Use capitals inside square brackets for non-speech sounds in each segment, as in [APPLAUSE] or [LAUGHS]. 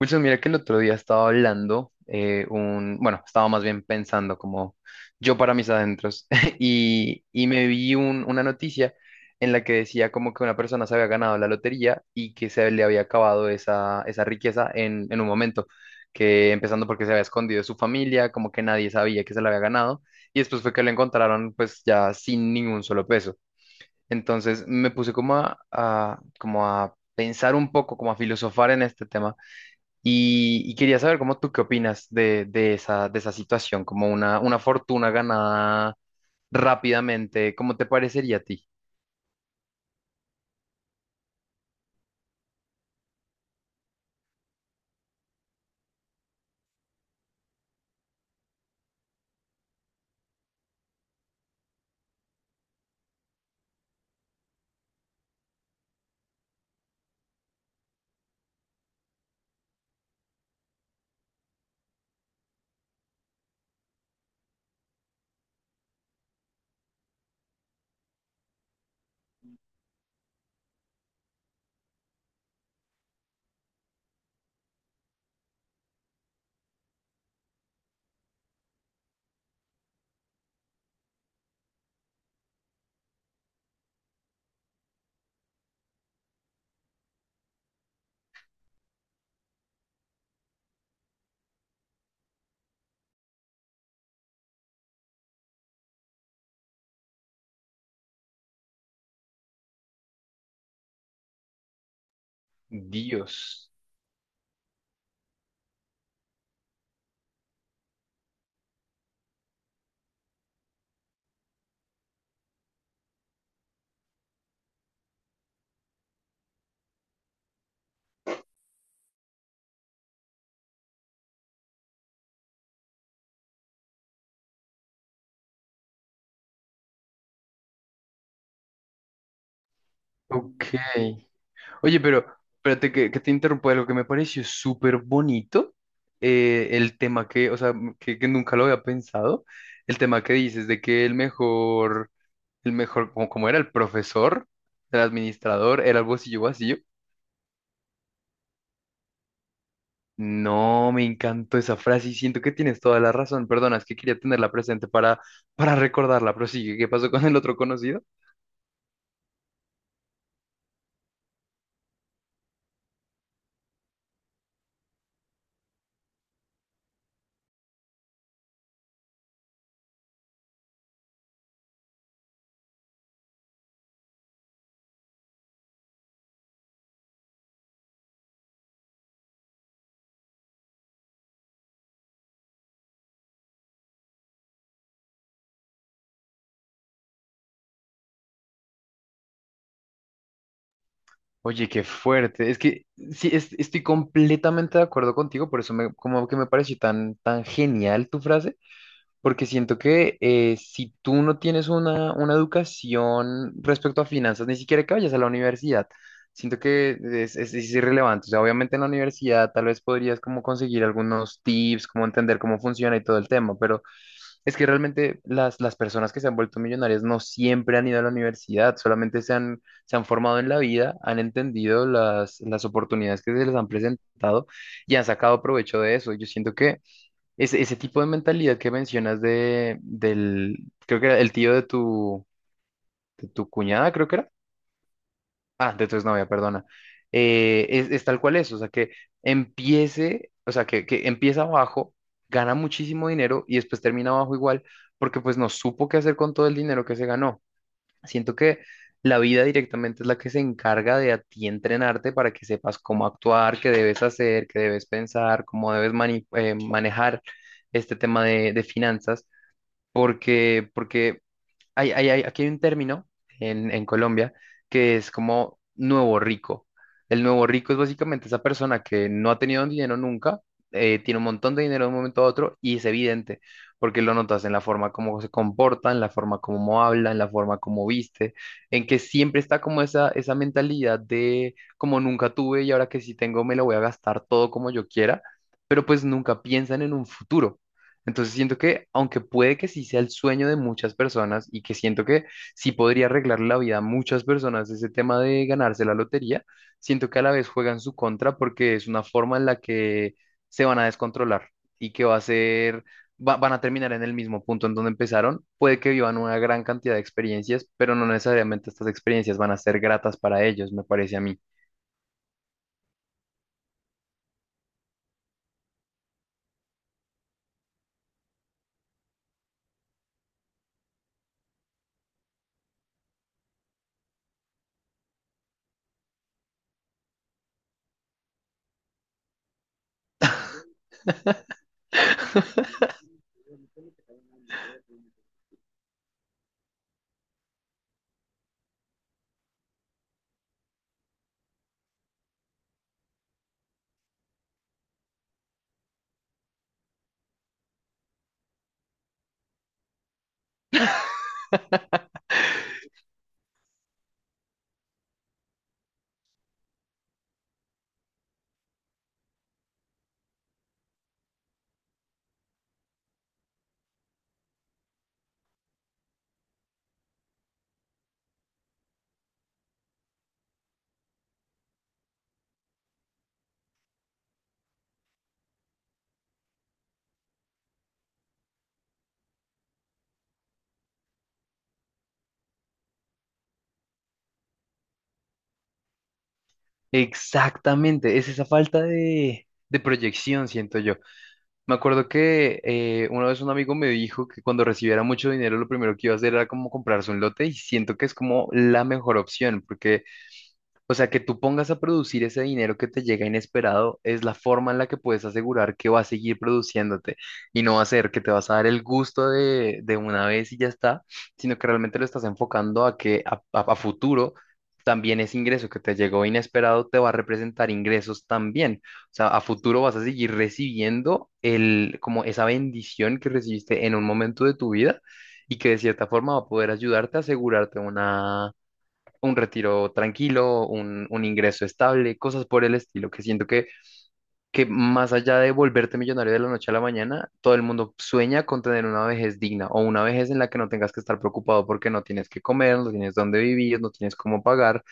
Wilson, mira que el otro día estaba hablando, un, bueno, estaba más bien pensando como yo para mis adentros [LAUGHS] y me vi una noticia en la que decía como que una persona se había ganado la lotería y que se le había acabado esa riqueza en un momento, que empezando porque se había escondido de su familia, como que nadie sabía que se la había ganado y después fue que lo encontraron pues ya sin ningún solo peso. Entonces me puse como como a pensar un poco, como a filosofar en este tema y quería saber cómo tú qué opinas de de esa situación, como una fortuna ganada rápidamente, ¿cómo te parecería a ti? Dios. Ok. Oye, pero espérate que te interrumpa algo que me pareció súper bonito, el tema que, o sea, que nunca lo había pensado, el tema que dices de que el mejor, como, como era el profesor, el administrador, era el bolsillo vacío. No, me encantó esa frase y siento que tienes toda la razón. Perdona, es que quería tenerla presente para recordarla, pero sí, ¿qué pasó con el otro conocido? Oye, qué fuerte. Es que sí, estoy completamente de acuerdo contigo, por eso me, como que me pareció tan, tan genial tu frase, porque siento que si tú no tienes una educación respecto a finanzas, ni siquiera que vayas a la universidad, siento que es irrelevante. O sea, obviamente en la universidad tal vez podrías como conseguir algunos tips, como entender cómo funciona y todo el tema, pero es que realmente las personas que se han vuelto millonarias no siempre han ido a la universidad, solamente se han formado en la vida, han entendido las oportunidades que se les han presentado y han sacado provecho de eso. Yo siento que... Ese tipo de mentalidad que mencionas creo que era el tío de tu cuñada, creo que era. Ah, de tu exnovia, perdona. Es tal cual es, o sea, que empiece, o sea, que empieza abajo, gana muchísimo dinero y después termina abajo igual, porque pues no supo qué hacer con todo el dinero que se ganó. Siento que la vida directamente es la que se encarga de a ti entrenarte para que sepas cómo actuar, qué debes hacer, qué debes pensar, cómo debes manejar este tema de finanzas porque, porque aquí hay un término en Colombia que es como nuevo rico. El nuevo rico es básicamente esa persona que no ha tenido dinero nunca, tiene un montón de dinero de un momento a otro y es evidente, porque lo notas en la forma como se comporta, en la forma como habla, en la forma como viste, en que siempre está como esa mentalidad de como nunca tuve y ahora que sí tengo me lo voy a gastar todo como yo quiera, pero pues nunca piensan en un futuro. Entonces siento que, aunque puede que sí sea el sueño de muchas personas y que siento que sí podría arreglar la vida a muchas personas ese tema de ganarse la lotería, siento que a la vez juegan su contra porque es una forma en la que se van a descontrolar y que va a ser, van a terminar en el mismo punto en donde empezaron. Puede que vivan una gran cantidad de experiencias, pero no necesariamente estas experiencias van a ser gratas para ellos, me parece a mí. [LAUGHS] Exactamente, es esa falta de proyección, siento yo. Me acuerdo que una vez un amigo me dijo que cuando recibiera mucho dinero lo primero que iba a hacer era como comprarse un lote y siento que es como la mejor opción porque o sea, que tú pongas a producir ese dinero que te llega inesperado es la forma en la que puedes asegurar que va a seguir produciéndote y no va a ser que te vas a dar el gusto de una vez y ya está, sino que realmente lo estás enfocando a que a futuro también ese ingreso que te llegó inesperado te va a representar ingresos también. O sea, a futuro vas a seguir recibiendo el, como esa bendición que recibiste en un momento de tu vida y que de cierta forma va a poder ayudarte a asegurarte un retiro tranquilo, un ingreso estable, cosas por el estilo, que siento que más allá de volverte millonario de la noche a la mañana, todo el mundo sueña con tener una vejez digna o una vejez en la que no tengas que estar preocupado porque no tienes que comer, no tienes dónde vivir, no tienes cómo pagar,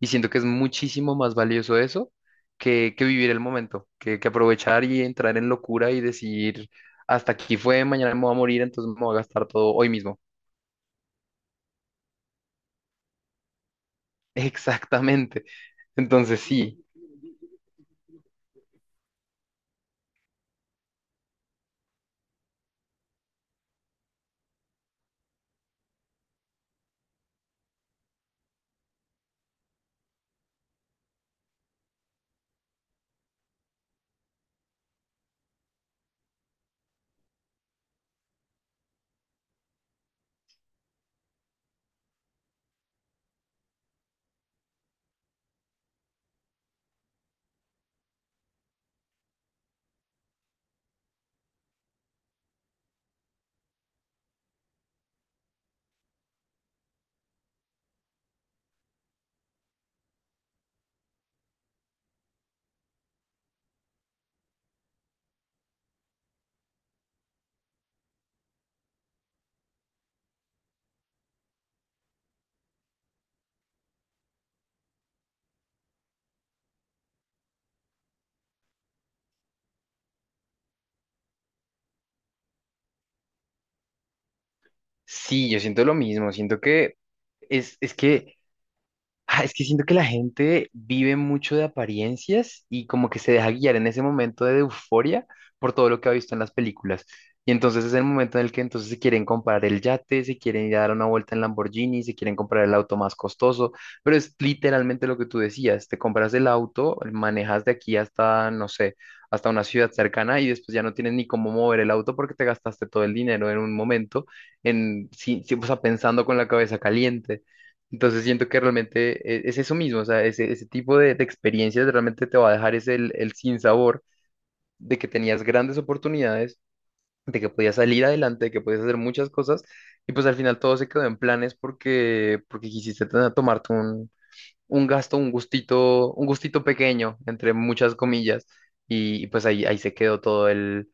y siento que es muchísimo más valioso eso que vivir el momento, que aprovechar y entrar en locura y decir, hasta aquí fue, mañana me voy a morir, entonces me voy a gastar todo hoy mismo. [LAUGHS] Exactamente. Entonces sí, sí, yo siento lo mismo, siento que es que... Ah, es que siento que la gente vive mucho de apariencias y como que se deja guiar en ese momento de euforia por todo lo que ha visto en las películas. Y entonces es el momento en el que entonces se quieren comprar el yate, se quieren ir a dar una vuelta en Lamborghini, se quieren comprar el auto más costoso, pero es literalmente lo que tú decías, te compras el auto, manejas de aquí hasta, no sé, hasta una ciudad cercana y después ya no tienes ni cómo mover el auto porque te gastaste todo el dinero en un momento, en, sí, sí, o sea, pensando con la cabeza caliente. Entonces siento que realmente es eso mismo, o sea, ese tipo de experiencias realmente te va a dejar ese, el sinsabor de que tenías grandes oportunidades, de que podías salir adelante, de que podías hacer muchas cosas, y pues al final todo se quedó en planes porque, porque quisiste tomarte un gasto, un gustito pequeño, entre muchas comillas, y pues ahí, ahí se quedó todo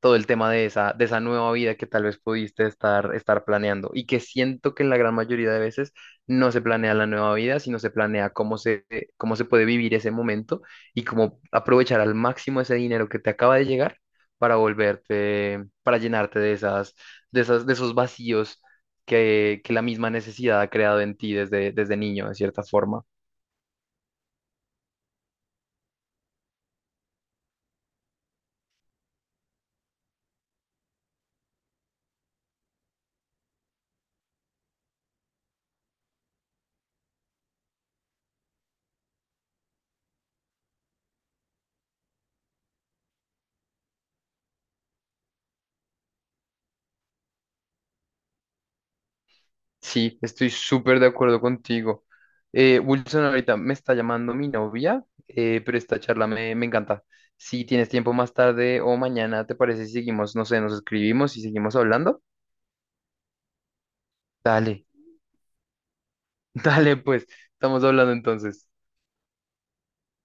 todo el tema de esa nueva vida que tal vez pudiste estar, estar planeando y que siento que en la gran mayoría de veces no se planea la nueva vida, sino se planea cómo se puede vivir ese momento y cómo aprovechar al máximo ese dinero que te acaba de llegar para volverte, para llenarte de esas, de esos vacíos que la misma necesidad ha creado en ti desde, desde niño, de cierta forma. Sí, estoy súper de acuerdo contigo. Wilson, ahorita me está llamando mi novia, pero esta charla me encanta. Si tienes tiempo más tarde o mañana, ¿te parece si seguimos, no sé, nos escribimos y seguimos hablando? Dale, [LAUGHS] dale, pues, estamos hablando entonces.